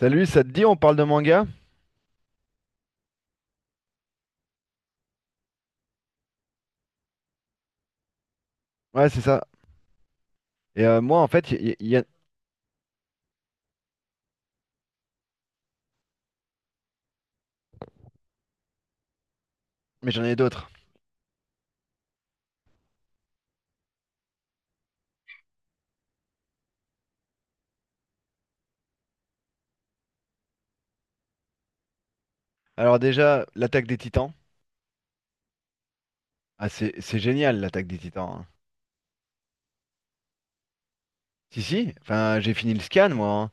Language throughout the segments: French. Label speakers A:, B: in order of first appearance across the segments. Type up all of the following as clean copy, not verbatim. A: Salut, ça te dit, on parle de manga? Ouais, c'est ça. Et moi, en fait, mais j'en ai d'autres. Alors déjà, l'attaque des Titans. Ah, c'est génial, l'attaque des Titans, hein. Si, si. Enfin, j'ai fini le scan, moi, hein.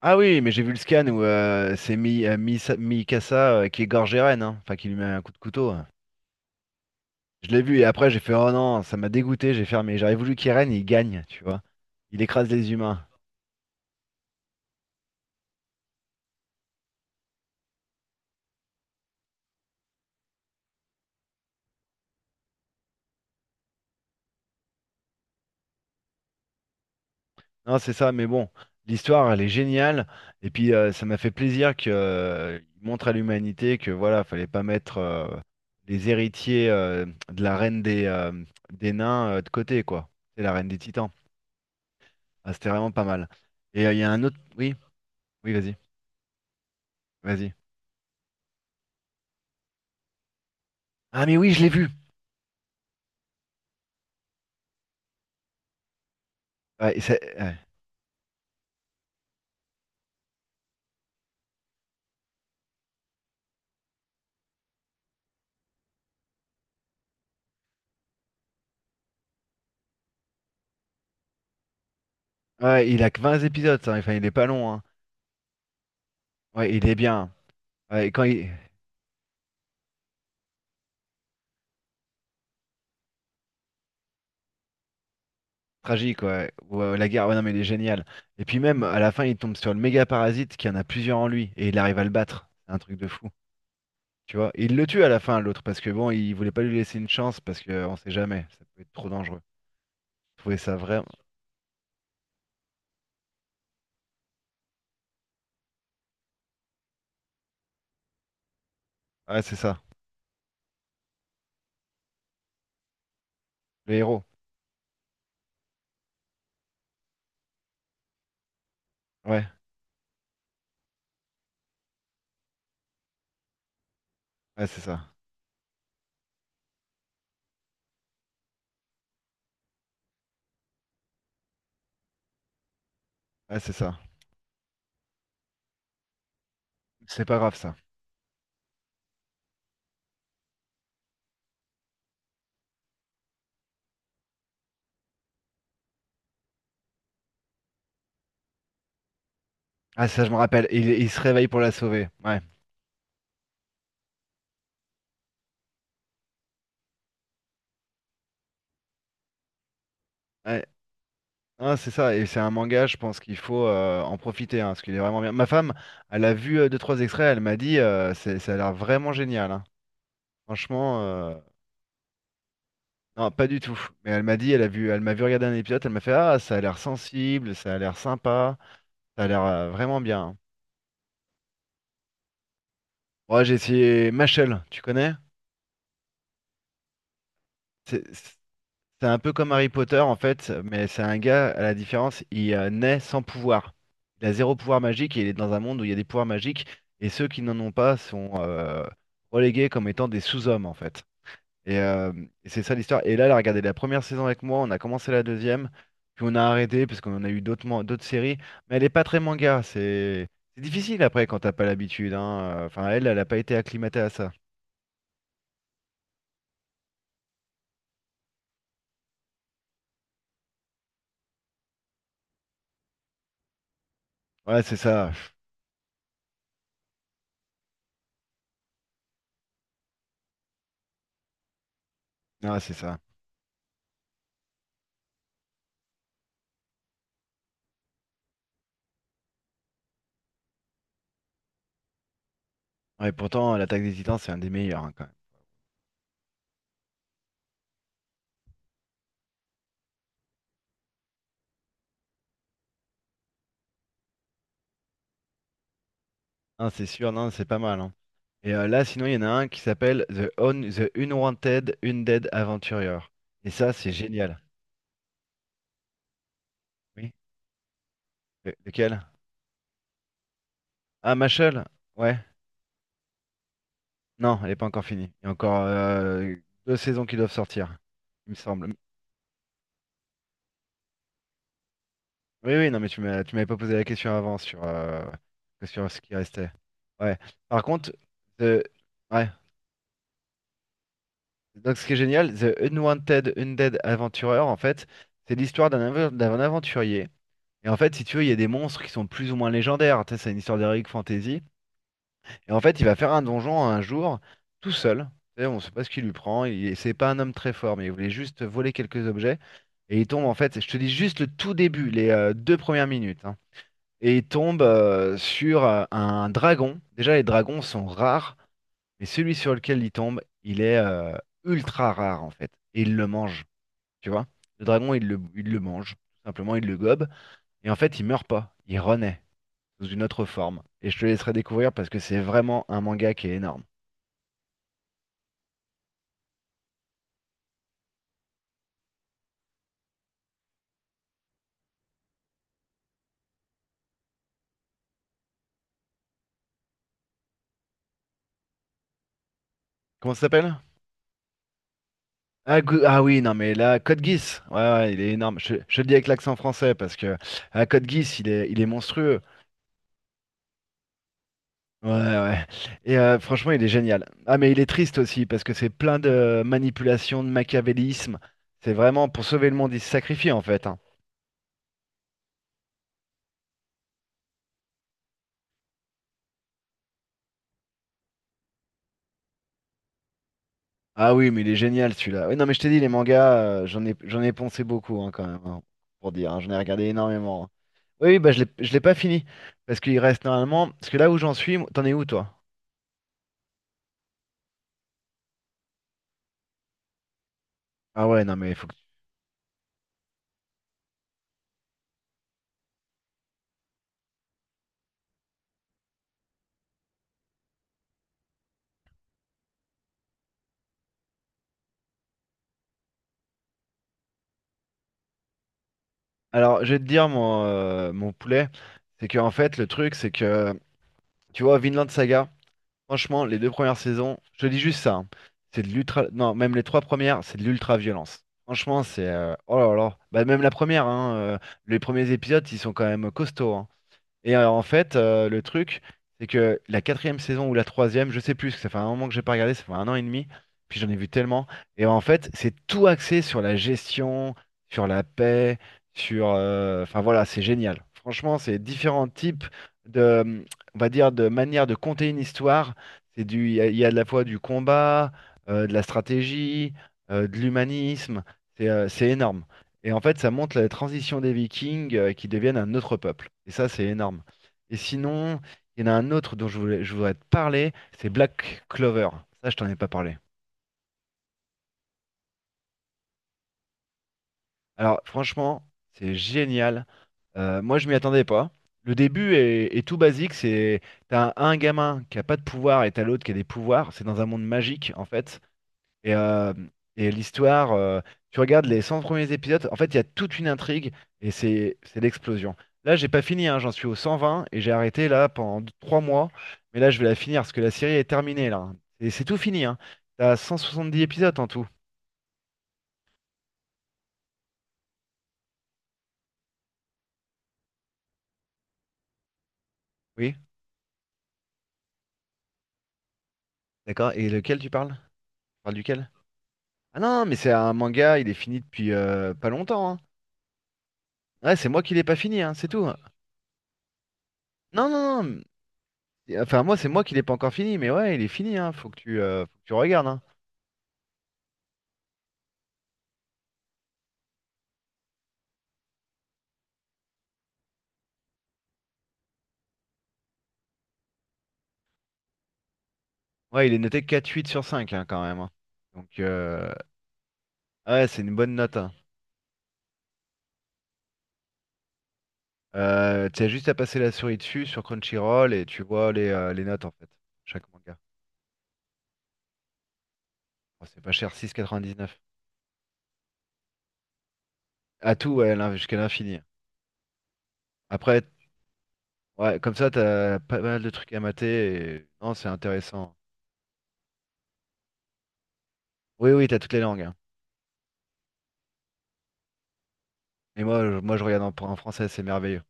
A: Ah oui, mais j'ai vu le scan où c'est Mikasa qui égorge Eren, hein. Enfin, qui lui met un coup de couteau, hein. Je l'ai vu et après, j'ai fait, oh non, ça m'a dégoûté, j'ai fermé. J'aurais voulu qu'Eren, il gagne, tu vois. Il écrase les humains. Non, c'est ça, mais bon, l'histoire, elle est géniale. Et puis, ça m'a fait plaisir que, il montre à l'humanité que, voilà, fallait pas mettre les héritiers de la reine des nains de côté, quoi. C'est la reine des Titans. Ah, c'était vraiment pas mal. Et il y a un autre. Oui, oui, vas-y, vas-y. Ah, mais oui, je l'ai vu. Ouais, et ça- ouais. Ouais, il a que 20 épisodes, ça. Enfin, il est pas long, hein. Ouais, il est bien, hein. Ouais, et quand il... Tragique, ouais. Ouais, ouais, la guerre, ouais, non, mais il est génial. Et puis même, à la fin, il tombe sur le méga parasite qui en a plusieurs en lui et il arrive à le battre. C'est un truc de fou, tu vois. Et il le tue à la fin, l'autre, parce que bon, il voulait pas lui laisser une chance parce que on sait jamais, ça peut être trop dangereux. Je trouvais ça vraiment. Ouais, c'est ça. Le héros. Ouais, ouais, c'est ça. Ouais, c'est ça. C'est pas grave, ça. Ah, ça, je me rappelle. Il se réveille pour la sauver. Ouais. Ouais. Ah, c'est ça. Et c'est un manga, je pense qu'il faut en profiter, hein, parce qu'il est vraiment bien. Ma femme, elle a vu deux, trois extraits, elle m'a dit, c'est- ça a l'air vraiment génial, hein. Franchement, non, pas du tout. Mais elle m'a dit, elle a vu, elle m'a vu regarder un épisode, elle m'a fait, ah, ça a l'air sensible, ça a l'air sympa, ça a l'air vraiment bien. Moi, j'ai essayé Machel, tu connais? C'est c'est un peu comme Harry Potter en fait, mais c'est un gars, à la différence, il naît sans pouvoir. Il a zéro pouvoir magique et il est dans un monde où il y a des pouvoirs magiques et ceux qui n'en ont pas sont relégués comme étant des sous-hommes en fait. Et, euh, et c'est ça l'histoire. Et là, elle a regardé la première saison avec moi, on a commencé la deuxième, puis on a arrêté parce qu'on en a eu d'autres d'autres séries. Mais elle est pas très manga, c'est difficile après quand t'as pas l'habitude, hein. Enfin, elle, elle a pas été acclimatée à ça. Ouais, c'est ça. Ah, c'est ça. Ouais, pourtant, l'Attaque des Titans, c'est un des meilleurs, hein, quand même. Non, c'est sûr, non, c'est pas mal, hein. Et là, sinon, il y en a un qui s'appelle The Unwanted Undead Aventurier. Et ça, c'est génial. Oui. Le- Lequel? Ah, Machel? Ouais. Non, elle n'est pas encore finie. Il y a encore deux saisons qui doivent sortir, il me semble. Oui, oui, non, mais tu m'as, tu m'avais pas posé la question avant sur, sur ce qui restait. Ouais. Par contre, The... ouais. Donc, ce qui est génial, The Unwanted Undead Adventurer, en fait, c'est l'histoire d'un d'un aventurier. Et en fait, si tu veux, il y a des monstres qui sont plus ou moins légendaires. Tu sais, c'est une histoire d'heroic fantasy. Et en fait, il va faire un donjon un jour, tout seul. Tu sais, on ne sait pas ce qui lui prend. Il, c'est pas un homme très fort, mais il voulait juste voler quelques objets. Et il tombe, en fait, je te dis juste le tout début, les deux premières minutes, hein. Et il tombe sur un dragon. Déjà, les dragons sont rares, mais celui sur lequel il tombe, il est ultra rare, en fait. Et il le mange, tu vois. Le dragon, il le mange. Tout simplement, il le gobe. Et en fait, il meurt pas. Il renaît sous une autre forme. Et je te laisserai découvrir parce que c'est vraiment un manga qui est énorme. Comment ça s'appelle? Ah oui, non mais là, Code Geass, ouais, ouais, il est énorme. Je le dis avec l'accent français parce que ah, Code Geass, il est monstrueux. Ouais, ouais. Et franchement, il est génial. Ah, mais il est triste aussi parce que c'est plein de manipulations, de machiavélisme. C'est vraiment pour sauver le monde, il se sacrifie en fait, hein. Ah oui, mais il est génial celui-là. Oui, non, mais je t'ai dit, les mangas, j'en ai poncé beaucoup, hein, quand même, hein, pour dire, hein. J'en ai regardé énormément, hein. Oui, oui, bah je l'ai pas fini parce qu'il reste normalement. Parce que là où j'en suis, t'en es où toi? Ah ouais, non mais il faut que. Alors, je vais te dire, mon, mon poulet, c'est que en fait, le truc, c'est que, tu vois, Vinland Saga, franchement, les deux premières saisons, je te dis juste ça, hein, c'est de l'ultra... Non, même les trois premières, c'est de l'ultra-violence. Franchement, c'est... oh là là. Bah, même la première, hein, les premiers épisodes, ils sont quand même costauds, hein. Et en fait, le truc, c'est que la quatrième saison ou la troisième, je sais plus, parce que ça fait un moment que j'ai pas regardé, ça fait un an et demi, puis j'en ai vu tellement. Et en fait, c'est tout axé sur la gestion, sur la paix, sur... Enfin voilà, c'est génial. Franchement, c'est différents types de, on va dire, de manière de compter une histoire. C'est du, il y a de la fois du combat, de la stratégie, de l'humanisme. C'est énorme. Et en fait, ça montre la transition des Vikings qui deviennent un autre peuple. Et ça, c'est énorme. Et sinon, il y en a un autre dont je voulais, je voudrais te parler, c'est Black Clover. Ça, je t'en ai pas parlé. Alors, franchement, c'est génial. Moi, je m'y attendais pas. Le début est tout basique. C'est t'as un gamin qui a pas de pouvoir et t'as l'autre qui a des pouvoirs. C'est dans un monde magique, en fait. Et, euh, et l'histoire, tu regardes les 100 premiers épisodes, en fait, il y a toute une intrigue et c'est l'explosion. Là, j'ai pas fini, hein, j'en suis au 120 et j'ai arrêté là pendant 3 mois. Mais là, je vais la finir parce que la série est terminée là. Et c'est tout fini, hein. T'as 10 épisodes en tout. Oui, d'accord. Et lequel tu parles? Tu parles duquel? Ah non, mais c'est un manga, il est fini depuis pas longtemps, hein. Ouais, c'est moi qui l'ai pas fini, hein, c'est tout. Non, non, non. Enfin, moi, c'est moi qui l'ai pas encore fini, mais ouais, il est fini, hein. Faut que tu regardes, hein. Ouais, il est noté 4,8 sur 5, hein, quand même, hein. Donc, ouais, c'est une bonne note, hein. Tu as juste à passer la souris dessus sur Crunchyroll et tu vois les notes en fait. Chaque manga. Bon, c'est pas cher, 6,99. À tout, ouais, l'in- jusqu'à l'infini, hein. Après, ouais, comme ça, t'as pas mal de trucs à mater. Et- Non, c'est intéressant. Oui, oui, t'as toutes les langues, hein. Et moi, je regarde en, en français, c'est merveilleux.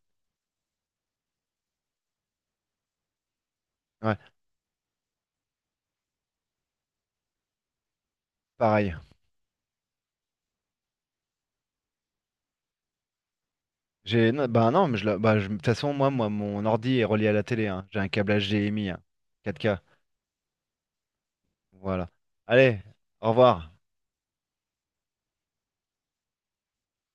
A: Ouais, pareil. J'ai, non, bah non, mais je, la- bah, je- de toute façon, moi, mon ordi est relié à la télé, hein. J'ai un câblage HDMI, hein, 4K. Voilà. Allez, au revoir.